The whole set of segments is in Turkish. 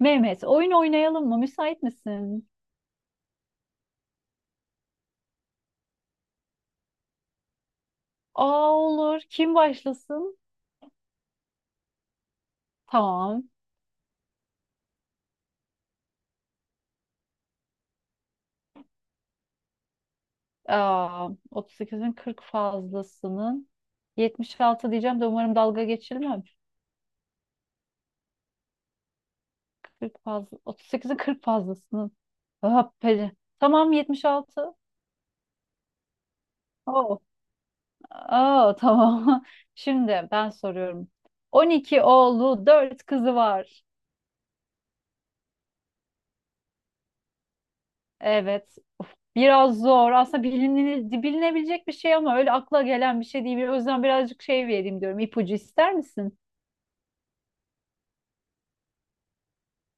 Mehmet, oyun oynayalım mı? Müsait misin? Aa, olur. Kim başlasın? Tamam. Aa, 38'in 40 fazlasının 76 diyeceğim de umarım dalga geçilmem. 40 fazla, 38'in 40 fazlasının. Hoppeli. Tamam, 76. Oo. Aa, tamam. Şimdi ben soruyorum. 12 oğlu, 4 kızı var. Evet. Biraz zor. Aslında bilinebilecek bir şey ama öyle akla gelen bir şey değil. O yüzden birazcık şey vereyim diyorum. İpucu ister misin?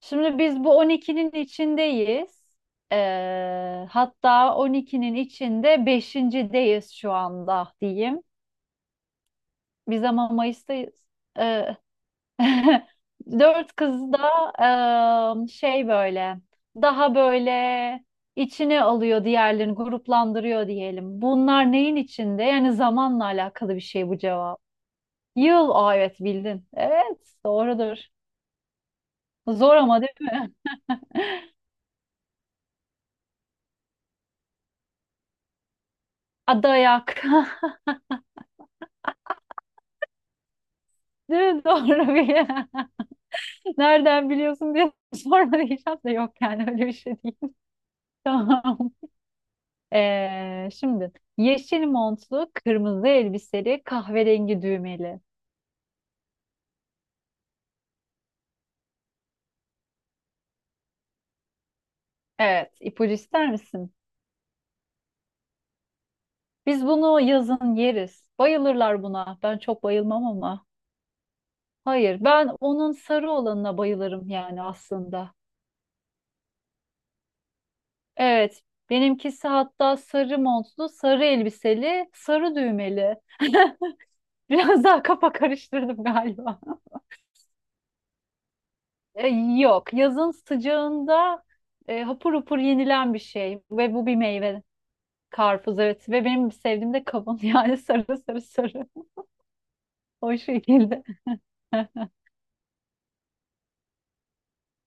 Şimdi biz bu on ikinin içindeyiz. Hatta on ikinin içinde 5.deyiz şu anda diyeyim. Biz ama Mayıs'tayız. Ee, Dört kız da şey, böyle daha böyle içine alıyor, diğerlerini gruplandırıyor diyelim. Bunlar neyin içinde? Yani zamanla alakalı bir şey bu cevap. Yıl, aa evet, bildin. Evet, doğrudur. Zor ama, değil mi? A, dayak. Değil mi? Doğru bir. Nereden biliyorsun diye sorma diyeceğim de yok, yani öyle bir şey değil. Tamam. Şimdi yeşil montlu, kırmızı elbiseli, kahverengi düğmeli. Evet, ipucu ister misin? Biz bunu yazın yeriz. Bayılırlar buna. Ben çok bayılmam ama. Hayır, ben onun sarı olanına bayılırım yani aslında. Evet, benimkisi hatta sarı montlu, sarı elbiseli, sarı düğmeli. Biraz daha kafa karıştırdım galiba. E, Yok, yazın sıcağında hapur hapur yenilen bir şey ve bu bir meyve. Karpuz, evet, ve benim sevdiğim de kavun yani sarı sarı sarı o şekilde.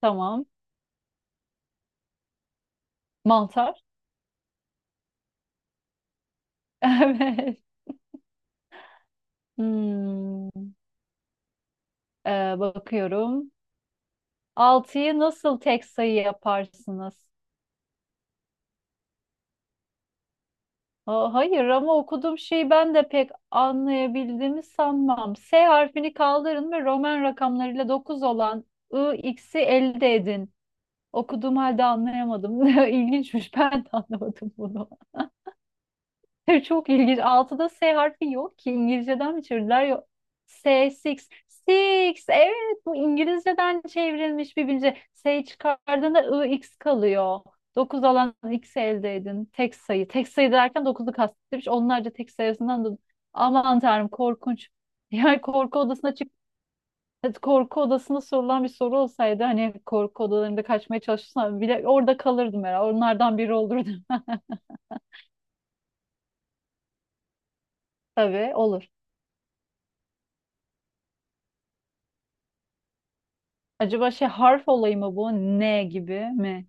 Tamam. Mantar. Evet. Hmm. Bakıyorum. Altıyı nasıl tek sayı yaparsınız? Hayır, ama okuduğum şeyi ben de pek anlayabildiğimi sanmam. S harfini kaldırın ve Roman rakamlarıyla 9 olan I, X'i elde edin. Okuduğum halde anlayamadım. İlginçmiş. Ben de anlamadım bunu. Çok ilginç. Altıda S harfi yok ki. İngilizceden mi çevirdiler? Yok. S, six. Six. Evet, bu İngilizceden çevrilmiş bir bilgi. S çıkardığında I, x kalıyor. 9 alan x'i elde edin. Tek sayı. Tek sayı derken 9'u kastetmiş. Onlarca tek sayısından da aman tanrım, korkunç. Yani korku odasına çık, korku odasında sorulan bir soru olsaydı, hani korku odalarında kaçmaya çalışsam bile orada kalırdım herhalde. Onlardan biri olurdum. Tabii, olur. Acaba şey, harf olayı mı bu? N gibi mi?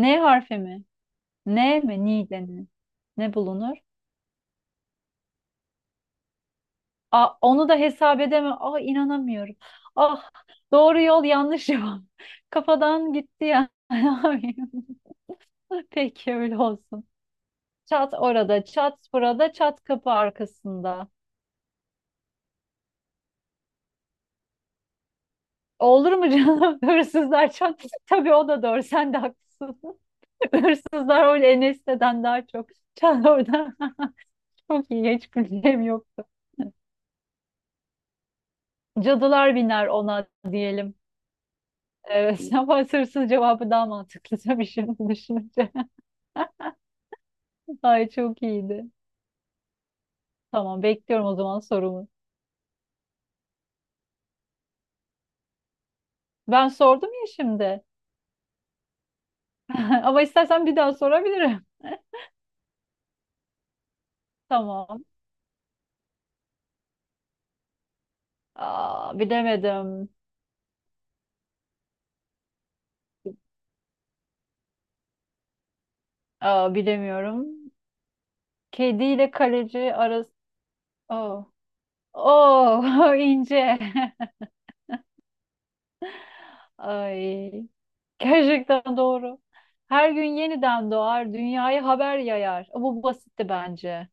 N harfi mi? N mi? Ni denir. Ne bulunur? Aa, onu da hesap edemem. Aa, inanamıyorum. Ah, doğru yol, yanlış yol. Kafadan gitti ya. Ne yapayım? Peki, öyle olsun. Çat orada, çat burada, çat kapı arkasında. Olur mu canım? Hırsızlar çat. Tabii, o da doğru. Sen de haklısın. Hırsızlar öyle Enes'ten daha çok. Çat orada. Çok iyi. Hiç gülüm yoktu. Cadılar biner ona diyelim. Evet, ama sırsız cevabı daha mantıklı tabii şimdi düşününce. Ay, çok iyiydi. Tamam, bekliyorum o zaman sorumu. Ben sordum ya şimdi. Ama istersen bir daha sorabilirim. Tamam. Aa, bilemedim. Aa, bilemiyorum. Kedi ile kaleci arası. Oo. Oh, ince. Ay. Gerçekten doğru. Her gün yeniden doğar, dünyaya haber yayar. Bu basitti bence.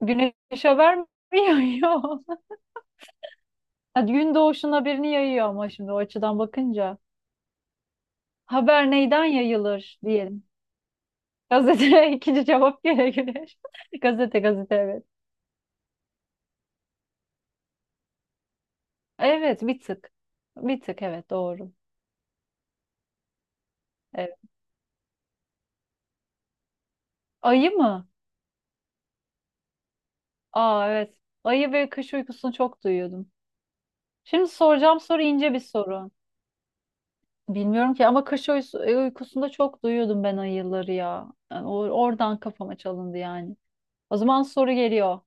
Güneş vermiyor. mi yayıyor? Ha, gün doğuşun haberini yayıyor ama şimdi o açıdan bakınca. Haber neyden yayılır diyelim. Gazete ikinci cevap gene güneş. Gazete gazete, evet. Evet, bir tık. Bir tık, evet, doğru. Evet. Ayı mı? Aa, evet. Ayı ve kış uykusunu çok duyuyordum. Şimdi soracağım soru ince bir soru. Bilmiyorum ki, ama uykusunda çok duyuyordum ben ayıları ya. Yani oradan kafama çalındı yani. O zaman soru geliyor.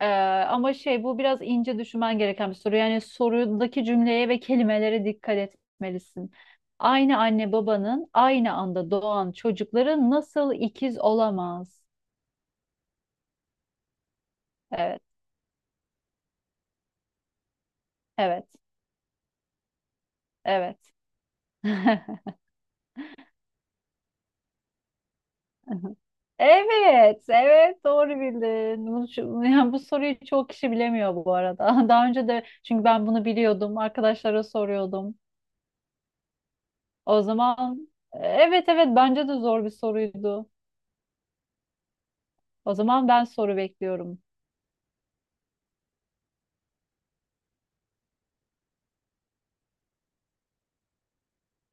Ee, Ama şey, bu biraz ince düşünmen gereken bir soru. Yani sorudaki cümleye ve kelimelere dikkat etmelisin. Aynı anne babanın aynı anda doğan çocukları nasıl ikiz olamaz? Evet, evet, evet. Evet, evet, doğru bildin. Yani bu soruyu çoğu kişi bilemiyor bu arada. Daha önce de çünkü ben bunu biliyordum, arkadaşlara soruyordum. O zaman evet evet, bence de zor bir soruydu. O zaman ben soru bekliyorum.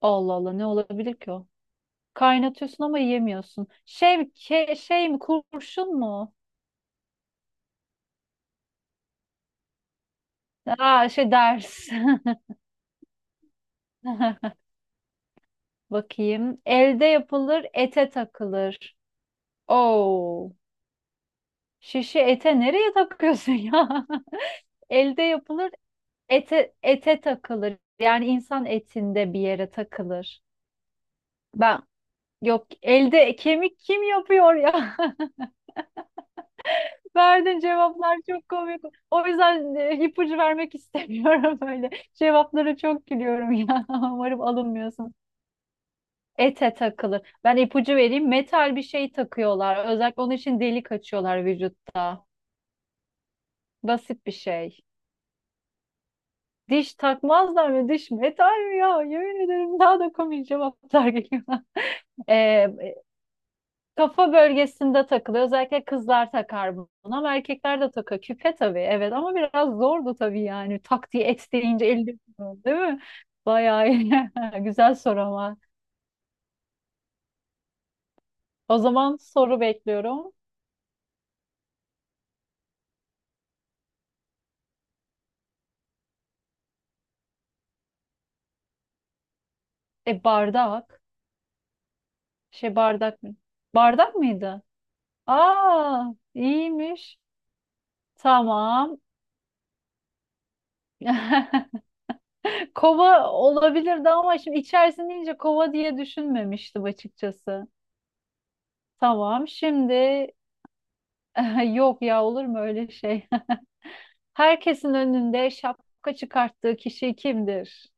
Allah Allah, ne olabilir ki o? Kaynatıyorsun ama yiyemiyorsun. Şey, şey mi, kurşun mu? Aa şey, ders. Bakayım. Elde yapılır, ete takılır. Oo. Şişe ete nereye takıyorsun ya? Elde yapılır, ete takılır. Yani insan etinde bir yere takılır. Ben, yok, elde kemik kim yapıyor ya? Verdiğin cevaplar çok komik. O yüzden ipucu vermek istemiyorum öyle. Cevapları çok gülüyorum ya. Umarım alınmıyorsun. Ete takılır. Ben ipucu vereyim. Metal bir şey takıyorlar. Özellikle onun için delik açıyorlar vücutta. Basit bir şey. Diş takmazlar mı? Diş metal mi ya? Yemin ederim daha da komik cevaplar geliyor. Kafa bölgesinde takılıyor. Özellikle kızlar takar bunu ama erkekler de takar. Küpe, tabii, evet, ama biraz zordu tabii yani. Tak diye et deyince elde, değil mi? Bayağı iyi. Güzel soru ama. O zaman soru bekliyorum. E, bardak. Şey, bardak mı? Bardak mıydı? Aa, iyiymiş. Tamam. Kova olabilirdi ama şimdi içerisinde deyince kova diye düşünmemiştim açıkçası. Tamam şimdi Yok ya, olur mu öyle şey? Herkesin önünde şapka çıkarttığı kişi kimdir?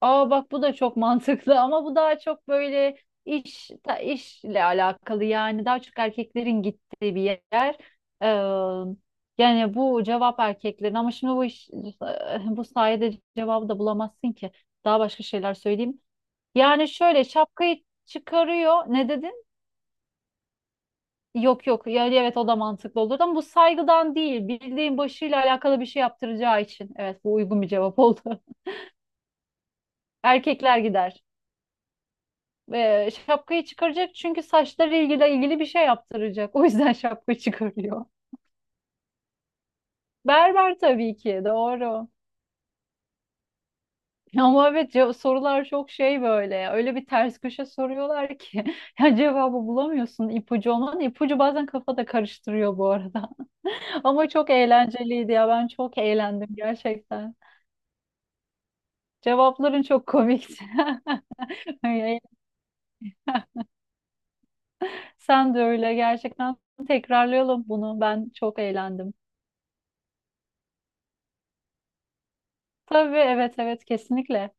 Aa bak, bu da çok mantıklı ama bu daha çok böyle işle alakalı, yani daha çok erkeklerin gittiği bir yer. Ee, Yani bu cevap erkeklerin ama şimdi bu iş, bu sayede cevabı da bulamazsın ki. Daha başka şeyler söyleyeyim. Yani şöyle şapkayı çıkarıyor. Ne dedin? Yok yok, yani evet o da mantıklı olur ama bu saygıdan değil, bildiğin başıyla alakalı bir şey yaptıracağı için, evet bu uygun bir cevap oldu. Erkekler gider. Şapkayı çıkaracak çünkü saçları ilgili bir şey yaptıracak. O yüzden şapka çıkarıyor. Berber, tabii ki, doğru. Ama evet sorular çok şey böyle. Öyle bir ters köşe soruyorlar ki ya cevabı bulamıyorsun ipucu olmanın. İpucu bazen kafada karıştırıyor bu arada. Ama çok eğlenceliydi ya, ben çok eğlendim gerçekten. Cevapların çok komikti. Öyle. Sen de öyle gerçekten, tekrarlayalım bunu. Ben çok eğlendim. Tabii, evet evet, kesinlikle.